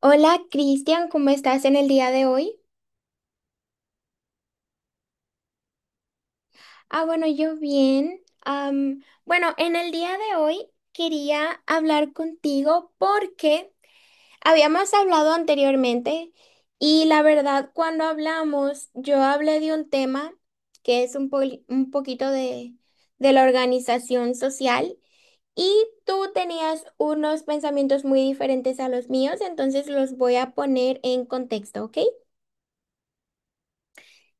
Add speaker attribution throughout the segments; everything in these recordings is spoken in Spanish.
Speaker 1: Hola Cristian, ¿cómo estás en el día de hoy? Bueno, yo bien. Bueno, en el día de hoy quería hablar contigo porque habíamos hablado anteriormente y la verdad cuando hablamos yo hablé de un tema que es un, un poquito de la organización social y tú tenías unos pensamientos muy diferentes a los míos, entonces los voy a poner en contexto, ¿ok?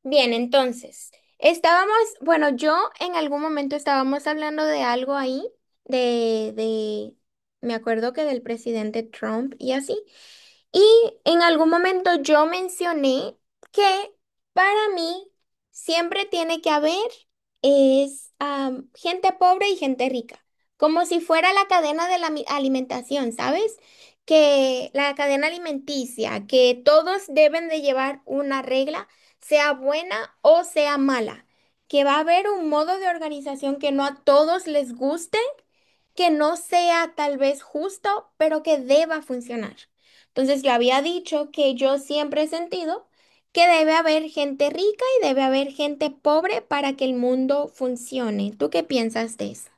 Speaker 1: Bien, entonces, estábamos, bueno, yo en algún momento estábamos hablando de algo ahí, de, de, me acuerdo que del presidente Trump y así. Y en algún momento yo mencioné que para mí siempre tiene que haber gente pobre y gente rica, como si fuera la cadena de la alimentación, ¿sabes? Que la cadena alimenticia, que todos deben de llevar una regla, sea buena o sea mala, que va a haber un modo de organización que no a todos les guste, que no sea tal vez justo, pero que deba funcionar. Entonces yo había dicho que yo siempre he sentido que debe haber gente rica y debe haber gente pobre para que el mundo funcione. ¿Tú qué piensas de eso?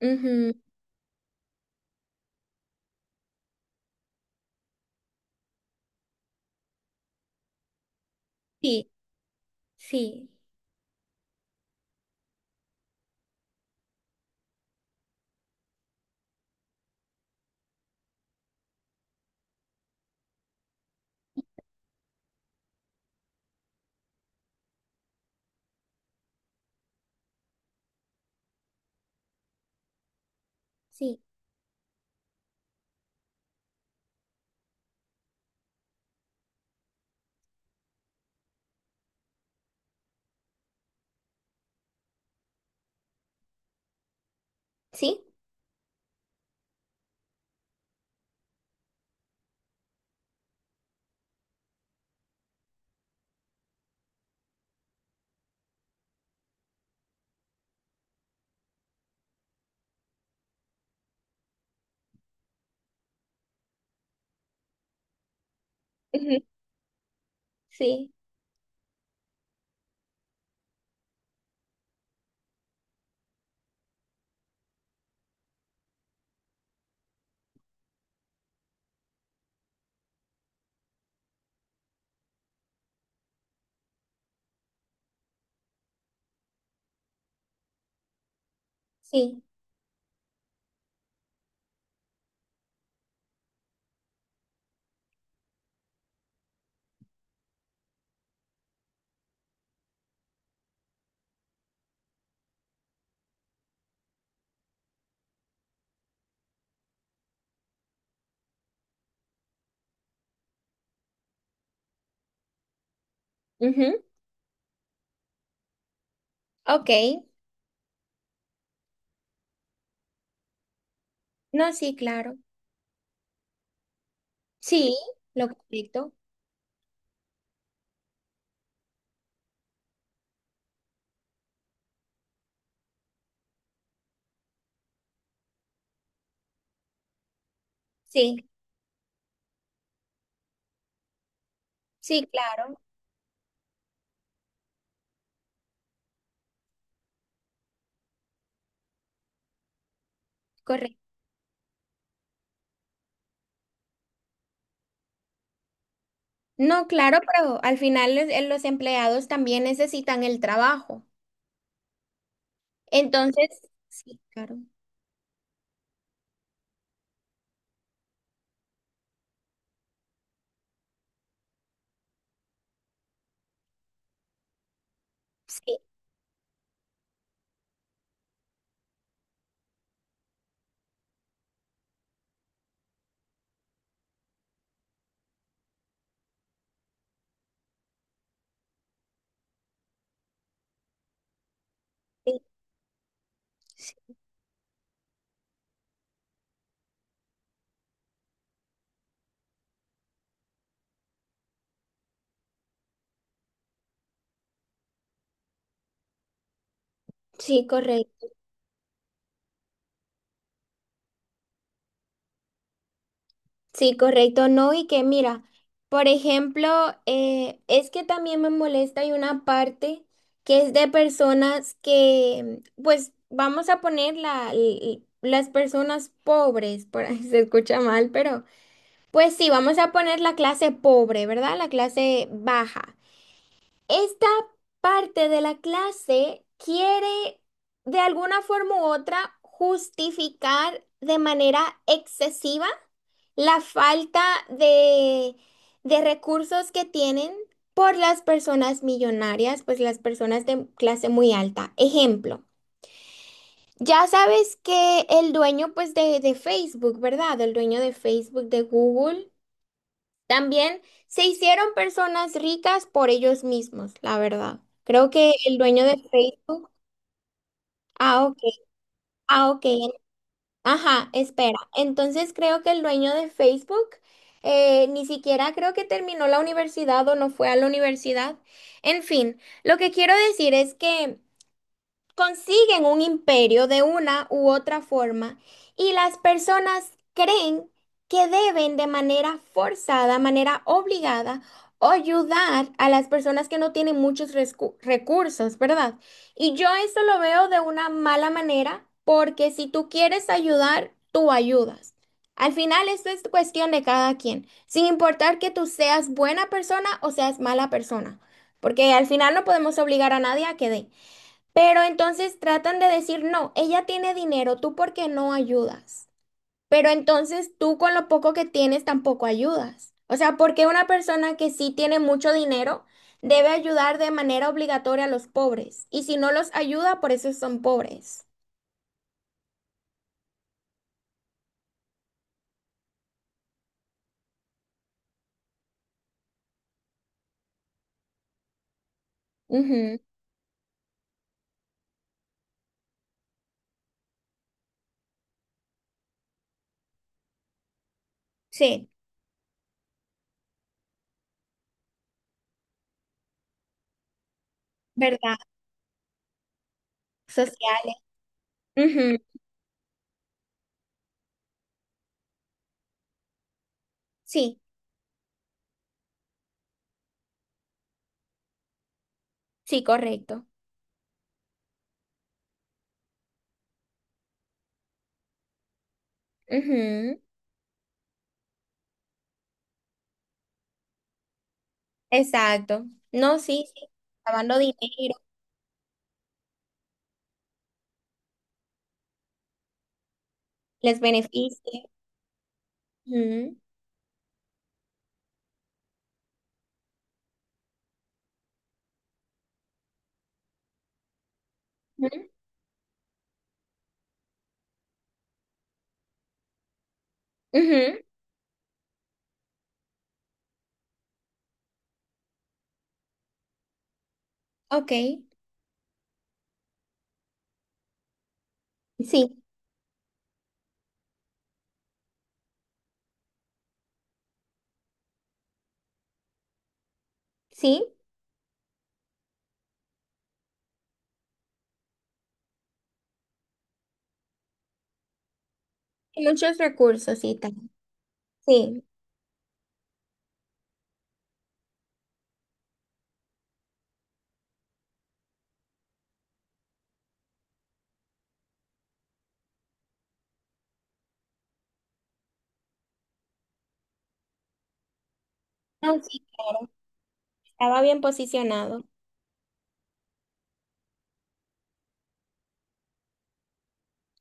Speaker 1: Ujú. Sí, sí, sí, sí, ujú, sí, sí, ujú. Ok, no, sí, claro, sí, lo correcto, sí, sí, claro, correcto. No, claro, pero al final los empleados también necesitan el trabajo. Entonces, sí, claro. Sí, sí, sí, sí, correcto. Sí, correcto. No, y que mira, por ejemplo, es que también me molesta, hay una parte que es de personas que, pues, vamos a poner las personas pobres, por ahí se escucha mal, pero pues sí, vamos a poner la clase pobre, ¿verdad? La clase baja. Esta parte de la clase quiere de alguna forma u otra justificar de manera excesiva la falta de, de recursos que tienen por las personas millonarias, pues las personas de clase muy alta. Ejemplo, ya sabes que el dueño pues de Facebook, ¿verdad? El dueño de Facebook, de Google. También se hicieron personas ricas por ellos mismos, la verdad. Creo que el dueño de Facebook. Ah, ok. Ah, ok. Ajá, espera. Entonces creo que el dueño de Facebook ni siquiera creo que terminó la universidad o no fue a la universidad. En fin, lo que quiero decir es que consiguen un imperio de una u otra forma y las personas creen que deben de manera forzada, manera obligada, ayudar a las personas que no tienen muchos recursos, ¿verdad? Y yo eso lo veo de una mala manera porque si tú quieres ayudar, tú ayudas. Al final, esto es cuestión de cada quien, sin importar que tú seas buena persona o seas mala persona, porque al final no podemos obligar a nadie a que dé. Pero entonces tratan de decir, no, ella tiene dinero, tú por qué no ayudas. Pero entonces tú con lo poco que tienes tampoco ayudas. O sea, ¿por qué una persona que sí tiene mucho dinero debe ayudar de manera obligatoria a los pobres? Y si no los ayuda, por eso son pobres. Ujú. Sí, ¿verdad? Sociales. Ujú. Sí, sí, correcto. Ujú. Exacto. No, sí, sí. Lavando dinero, les beneficia. Ujú, ujú, ujú. Ok. Sí, sí, y muchos recursos y tal. Sí, no, sí, claro. Estaba bien posicionado.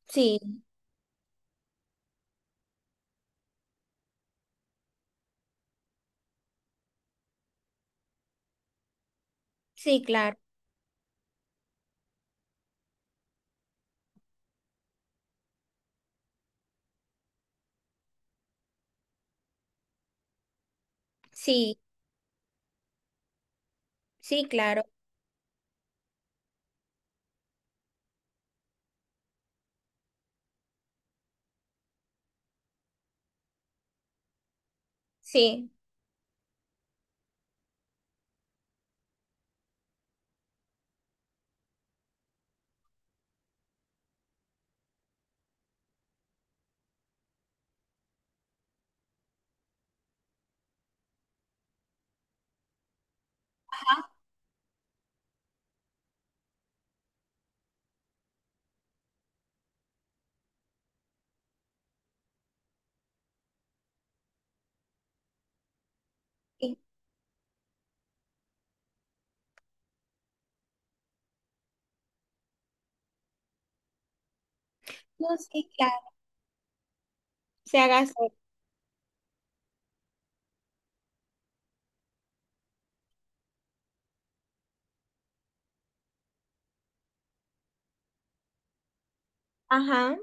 Speaker 1: Sí, sí, claro. Sí, sí, claro. Sí. Sí. No, sí, claro. Se haga. Ajá.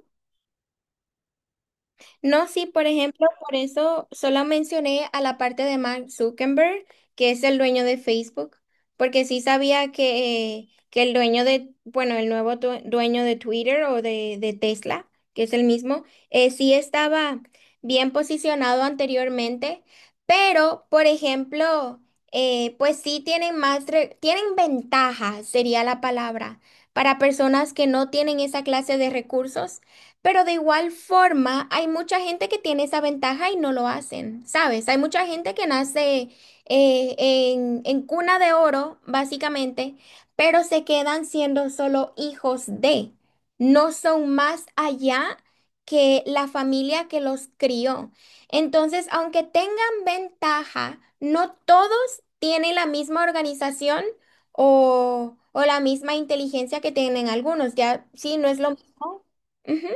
Speaker 1: No, sí, por ejemplo, por eso solo mencioné a la parte de Mark Zuckerberg, que es el dueño de Facebook, porque sí sabía que el dueño de, bueno, el nuevo dueño de Twitter o de Tesla, que es el mismo, sí estaba bien posicionado anteriormente, pero, por ejemplo, pues sí tienen más, tienen ventaja, sería la palabra, para personas que no tienen esa clase de recursos, pero de igual forma, hay mucha gente que tiene esa ventaja y no lo hacen, ¿sabes? Hay mucha gente que nace en cuna de oro, básicamente, pero se quedan siendo solo hijos de, no son más allá que la familia que los crió. Entonces, aunque tengan ventaja, no todos tienen la misma organización o la misma inteligencia que tienen algunos, ya sí, no es lo mismo. Ujú.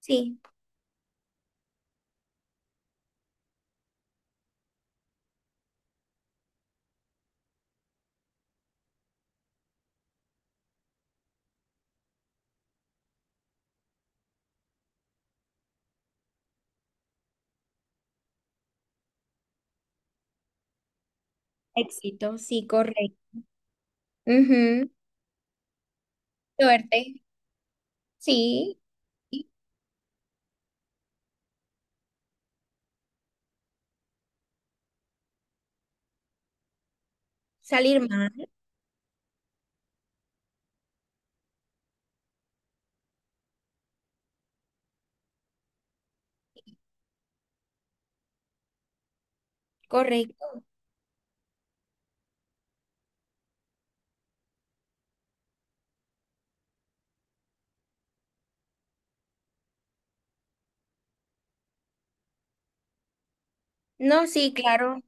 Speaker 1: Sí. Éxito, sí, correcto. Ujú. Suerte, sí. Y salir mal, correcto. No, sí, claro.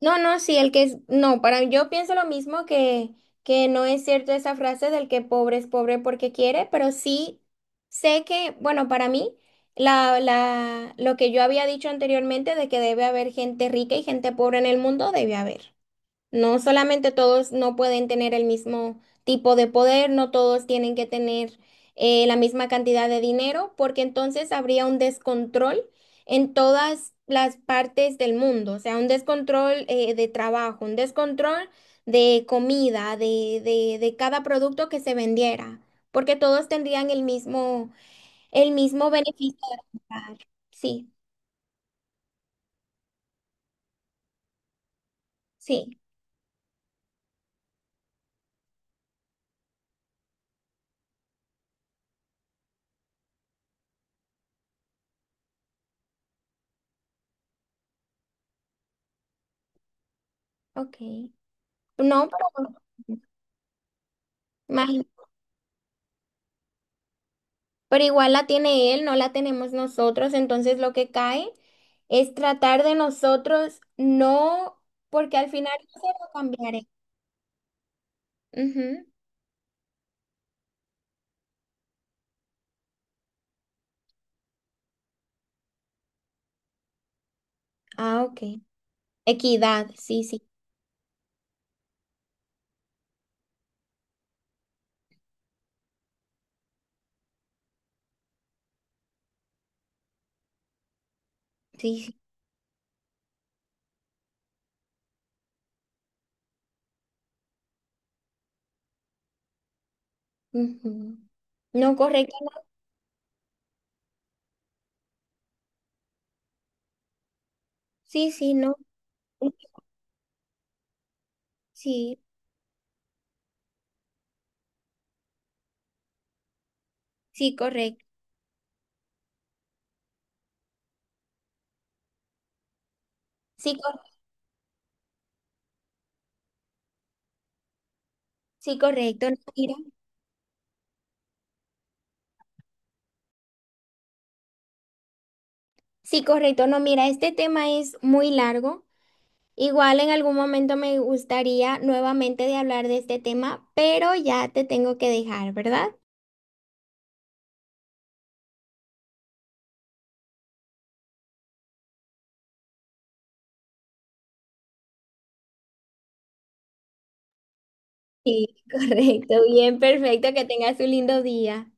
Speaker 1: No, no, sí, el que es, no, para, yo pienso lo mismo que no es cierto esa frase del que pobre es pobre porque quiere, pero sí sé que, bueno, para mí, lo que yo había dicho anteriormente de que debe haber gente rica y gente pobre en el mundo, debe haber. No solamente todos no pueden tener el mismo tipo de poder, no todos tienen que tener la misma cantidad de dinero, porque entonces habría un descontrol en todas las partes del mundo, o sea, un descontrol de trabajo, un descontrol de comida, de cada producto que se vendiera, porque todos tendrían el mismo beneficio de comprar. Sí, sí, ok. No, pero... imagínate. Pero igual la tiene él, no la tenemos nosotros, entonces lo que cae es tratar de nosotros, no, porque al final yo se lo cambiaré. Ujú. Ah, ok. Equidad, sí, sí, sí, sí. Ujú. No, correcto, no. Sí, sí, no. Sí, sí, correcto. Sí, cor- sí, correcto. No, mira. Sí, correcto. No, mira, este tema es muy largo. Igual en algún momento me gustaría nuevamente de hablar de este tema, pero ya te tengo que dejar, ¿verdad? Sí, correcto. Bien, perfecto. Que tengas un lindo día.